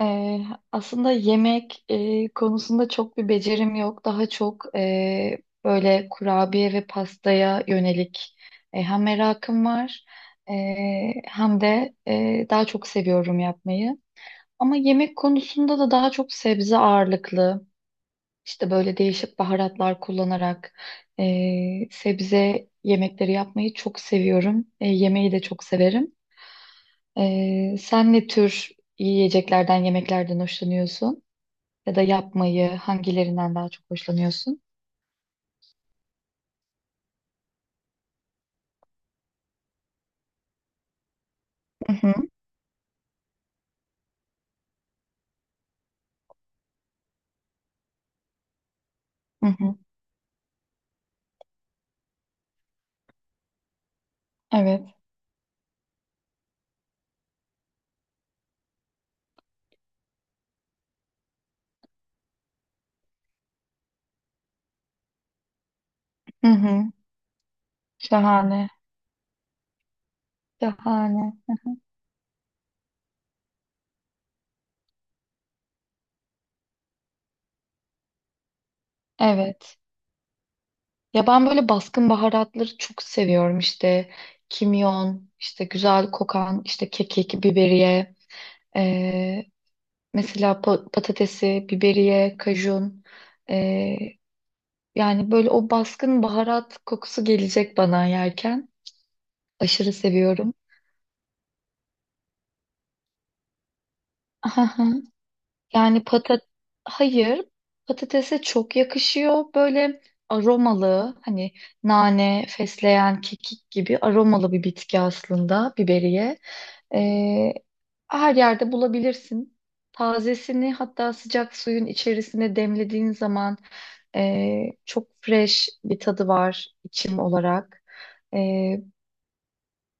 Ee, aslında yemek konusunda çok bir becerim yok. Daha çok böyle kurabiye ve pastaya yönelik hem merakım var e, hem de daha çok seviyorum yapmayı. Ama yemek konusunda da daha çok sebze ağırlıklı, işte böyle değişik baharatlar kullanarak sebze yemekleri yapmayı çok seviyorum. Yemeği de çok severim. Sen ne tür yiyeceklerden, yemeklerden hoşlanıyorsun? Ya da yapmayı hangilerinden daha çok hoşlanıyorsun? Hı hı, hı hı. Evet. Hı hı. Şahane. Şahane. Evet. Ya ben böyle baskın baharatları çok seviyorum. İşte kimyon, işte güzel kokan, işte kekik, biberiye, eee, mesela patatesi, biberiye, kajun. Eee, yani böyle o baskın baharat kokusu gelecek bana yerken. Aşırı seviyorum. Yani hayır, patatese çok yakışıyor böyle aromalı hani nane, fesleğen, kekik gibi aromalı bir bitki aslında biberiye. Ee, her yerde bulabilirsin. Tazesini hatta sıcak suyun içerisine demlediğin zaman çok fresh bir tadı var içim olarak. E,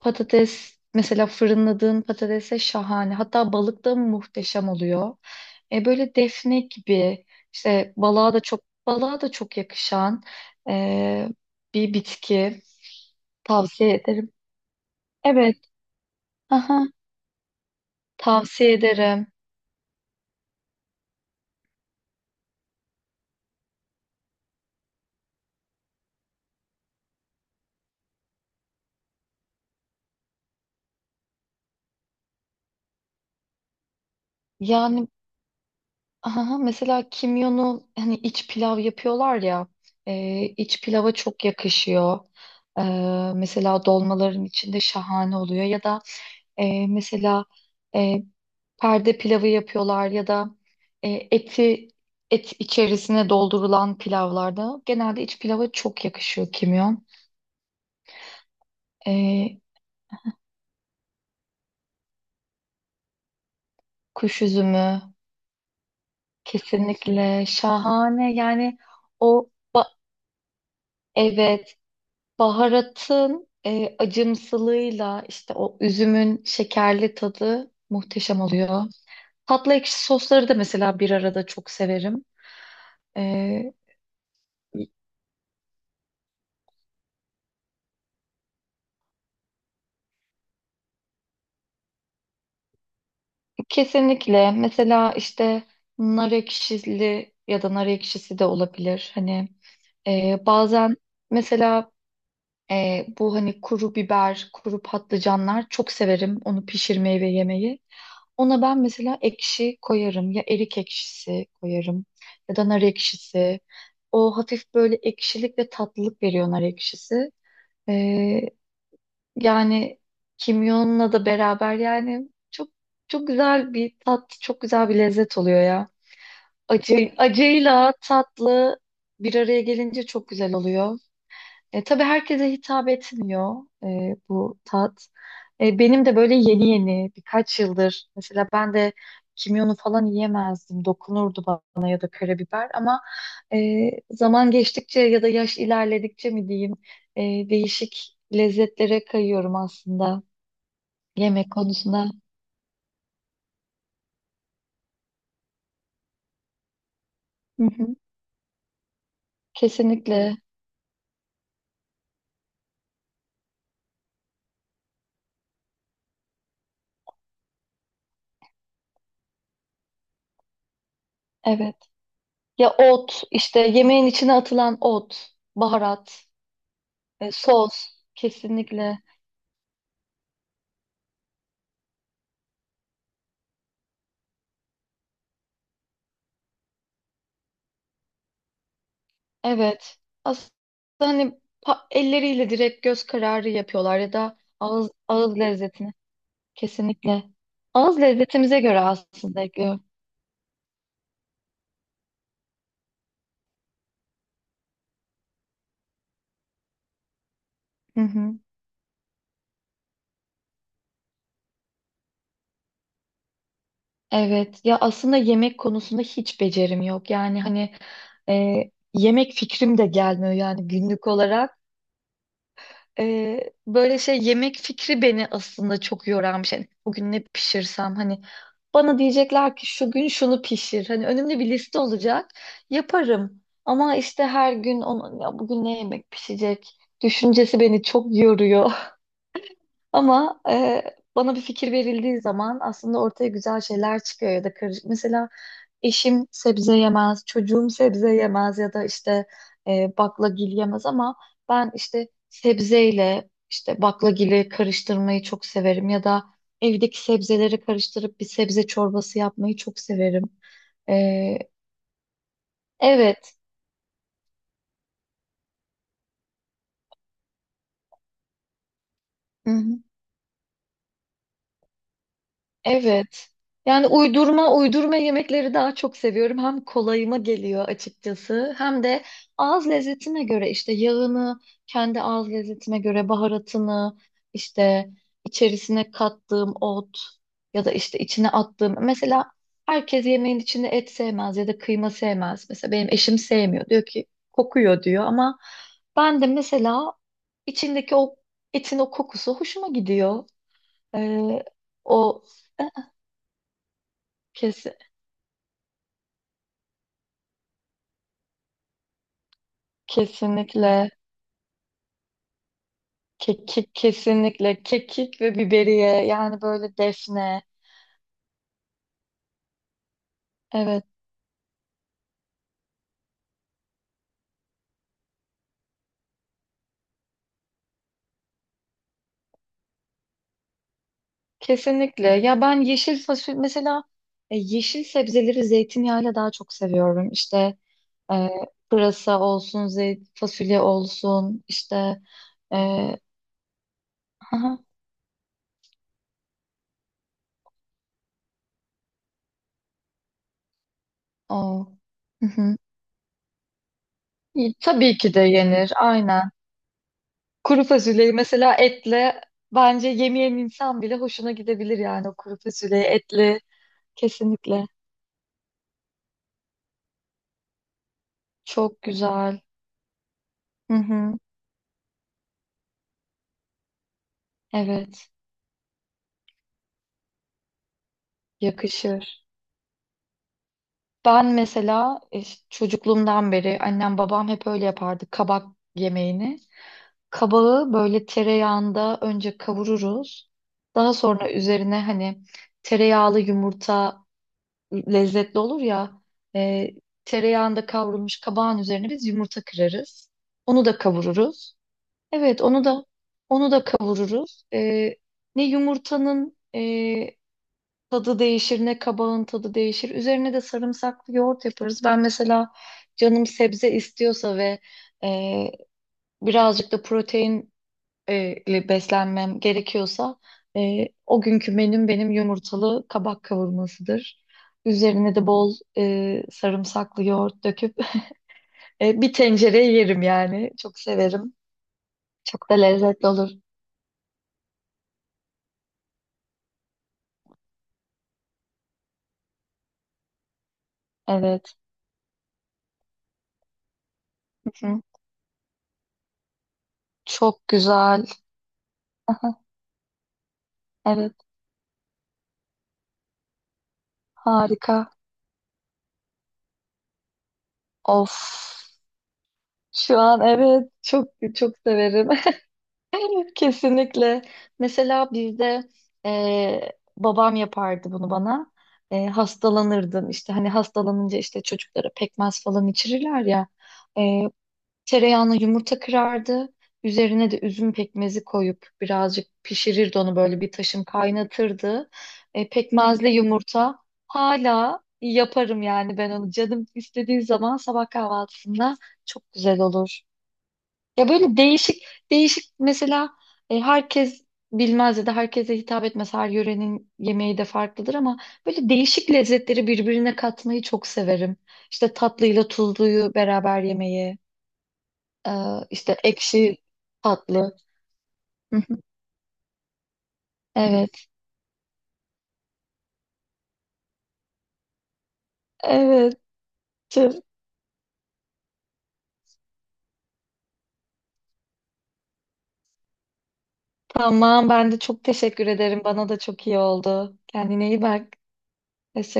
Patates mesela fırınladığın patatese şahane. Hatta balık da muhteşem oluyor. E böyle defne gibi işte balığa da çok balığa da çok yakışan e, bir bitki, tavsiye ederim. Evet. Aha, tavsiye ederim. Yani aha, mesela kimyonu hani iç pilav yapıyorlar ya iç pilava çok yakışıyor. E, Mesela dolmaların içinde şahane oluyor ya da mesela e, perde pilavı yapıyorlar ya da eti et içerisine doldurulan pilavlarda genelde iç pilava çok yakışıyor kimyon. E, Kuş üzümü kesinlikle şahane yani. O, evet, baharatın acımsılığıyla işte o üzümün şekerli tadı muhteşem oluyor. Tatlı ekşi sosları da mesela bir arada çok severim. E, Kesinlikle. Mesela işte nar ekşili ya da nar ekşisi de olabilir. Hani bazen mesela bu hani kuru biber, kuru patlıcanlar çok severim onu pişirmeyi ve yemeyi. Ona ben mesela ekşi koyarım. Ya erik ekşisi koyarım ya da nar ekşisi. O hafif böyle ekşilik ve tatlılık veriyor nar ekşisi. Yani kimyonla da beraber yani çok güzel bir tat, çok güzel bir lezzet oluyor ya. Acı, acıyla tatlı bir araya gelince çok güzel oluyor. Tabii herkese hitap etmiyor bu tat. Benim de böyle yeni yeni birkaç yıldır mesela ben de kimyonu falan yiyemezdim. Dokunurdu bana ya da karabiber ama zaman geçtikçe ya da yaş ilerledikçe mi diyeyim e, değişik lezzetlere kayıyorum aslında. Yemek konusuna hı hı, kesinlikle, evet. Ya ot işte yemeğin içine atılan ot, baharat, sos kesinlikle. Evet. Aslında hani elleriyle direkt göz kararı yapıyorlar ya da ağız ağız lezzetini kesinlikle. Ağız lezzetimize göre aslında ekliyor. Hı hı. Evet. Ya aslında yemek konusunda hiç becerim yok. Yani hani e, yemek fikrim de gelmiyor yani günlük olarak. Ee, böyle şey yemek fikri beni aslında çok yoran bir şey. Hani bugün ne pişirsem hani bana diyecekler ki şu gün şunu pişir. Hani önümde bir liste olacak. Yaparım. Ama işte her gün onun ya bugün ne yemek pişecek düşüncesi beni çok yoruyor. Ama bana bir fikir verildiği zaman aslında ortaya güzel şeyler çıkıyor ya da karışık. Mesela eşim sebze yemez, çocuğum sebze yemez ya da işte baklagil yemez ama ben işte sebzeyle işte baklagili karıştırmayı çok severim ya da evdeki sebzeleri karıştırıp bir sebze çorbası yapmayı çok severim. E, evet. Hı hı. Evet. Yani uydurma uydurma yemekleri daha çok seviyorum. Hem kolayıma geliyor açıkçası hem de ağız lezzetime göre işte yağını, kendi ağız lezzetime göre baharatını, işte içerisine kattığım ot ya da işte içine attığım. Mesela herkes yemeğin içinde et sevmez ya da kıyma sevmez. Mesela benim eşim sevmiyor. Diyor ki kokuyor diyor ama ben de mesela içindeki o etin o kokusu hoşuma gidiyor. Ee, o Kesin, kesinlikle kekik, kesinlikle kekik ve biberiye yani böyle defne, evet, kesinlikle. Ya ben yeşil fasulye mesela yeşil sebzeleri zeytinyağıyla daha çok seviyorum işte e, pırasa olsun zeyt fasulye olsun işte e, aha, o. Hı hı. Y- tabii ki de yenir, aynen. Kuru fasulyeyi mesela etle bence yemeyen insan bile hoşuna gidebilir yani o kuru fasulyeyi etli kesinlikle. Çok güzel. Hı hı. Evet, yakışır. Ben mesela çocukluğumdan beri annem babam hep öyle yapardı kabak yemeğini. Kabağı böyle tereyağında önce kavururuz. Daha sonra üzerine hani tereyağlı yumurta lezzetli olur ya. E, Tereyağında kavrulmuş kabağın üzerine biz yumurta kırarız. Onu da kavururuz. Evet, onu da kavururuz. Ne yumurtanın tadı değişir, ne kabağın tadı değişir. Üzerine de sarımsaklı yoğurt yaparız. Ben mesela canım sebze istiyorsa ve e, birazcık da protein ile beslenmem gerekiyorsa o günkü menüm benim yumurtalı kabak kavurmasıdır. Üzerine de bol sarımsaklı yoğurt döküp bir tencereye yerim yani. Çok severim. Çok da lezzetli olur. Evet. Hı hı. Çok güzel. Evet. Harika. Of. Şu an evet çok severim. Kesinlikle. Mesela bizde babam yapardı bunu bana. Hastalanırdım işte hani hastalanınca işte çocuklara pekmez falan içirirler ya. E, Tereyağına yumurta kırardı. Üzerine de üzüm pekmezi koyup birazcık pişirirdi onu, böyle bir taşım kaynatırdı. Pekmezli yumurta hala yaparım yani ben onu canım istediği zaman sabah kahvaltısında çok güzel olur. Ya böyle değişik mesela herkes bilmez ya da herkese hitap etmez. Her yörenin yemeği de farklıdır ama böyle değişik lezzetleri birbirine katmayı çok severim. İşte tatlıyla tuzluyu beraber yemeyi, e, işte ekşi tatlı. Hı hı. Evet, evet. Tamam, ben de çok teşekkür ederim. Bana da çok iyi oldu. Kendine iyi bak. Hoşça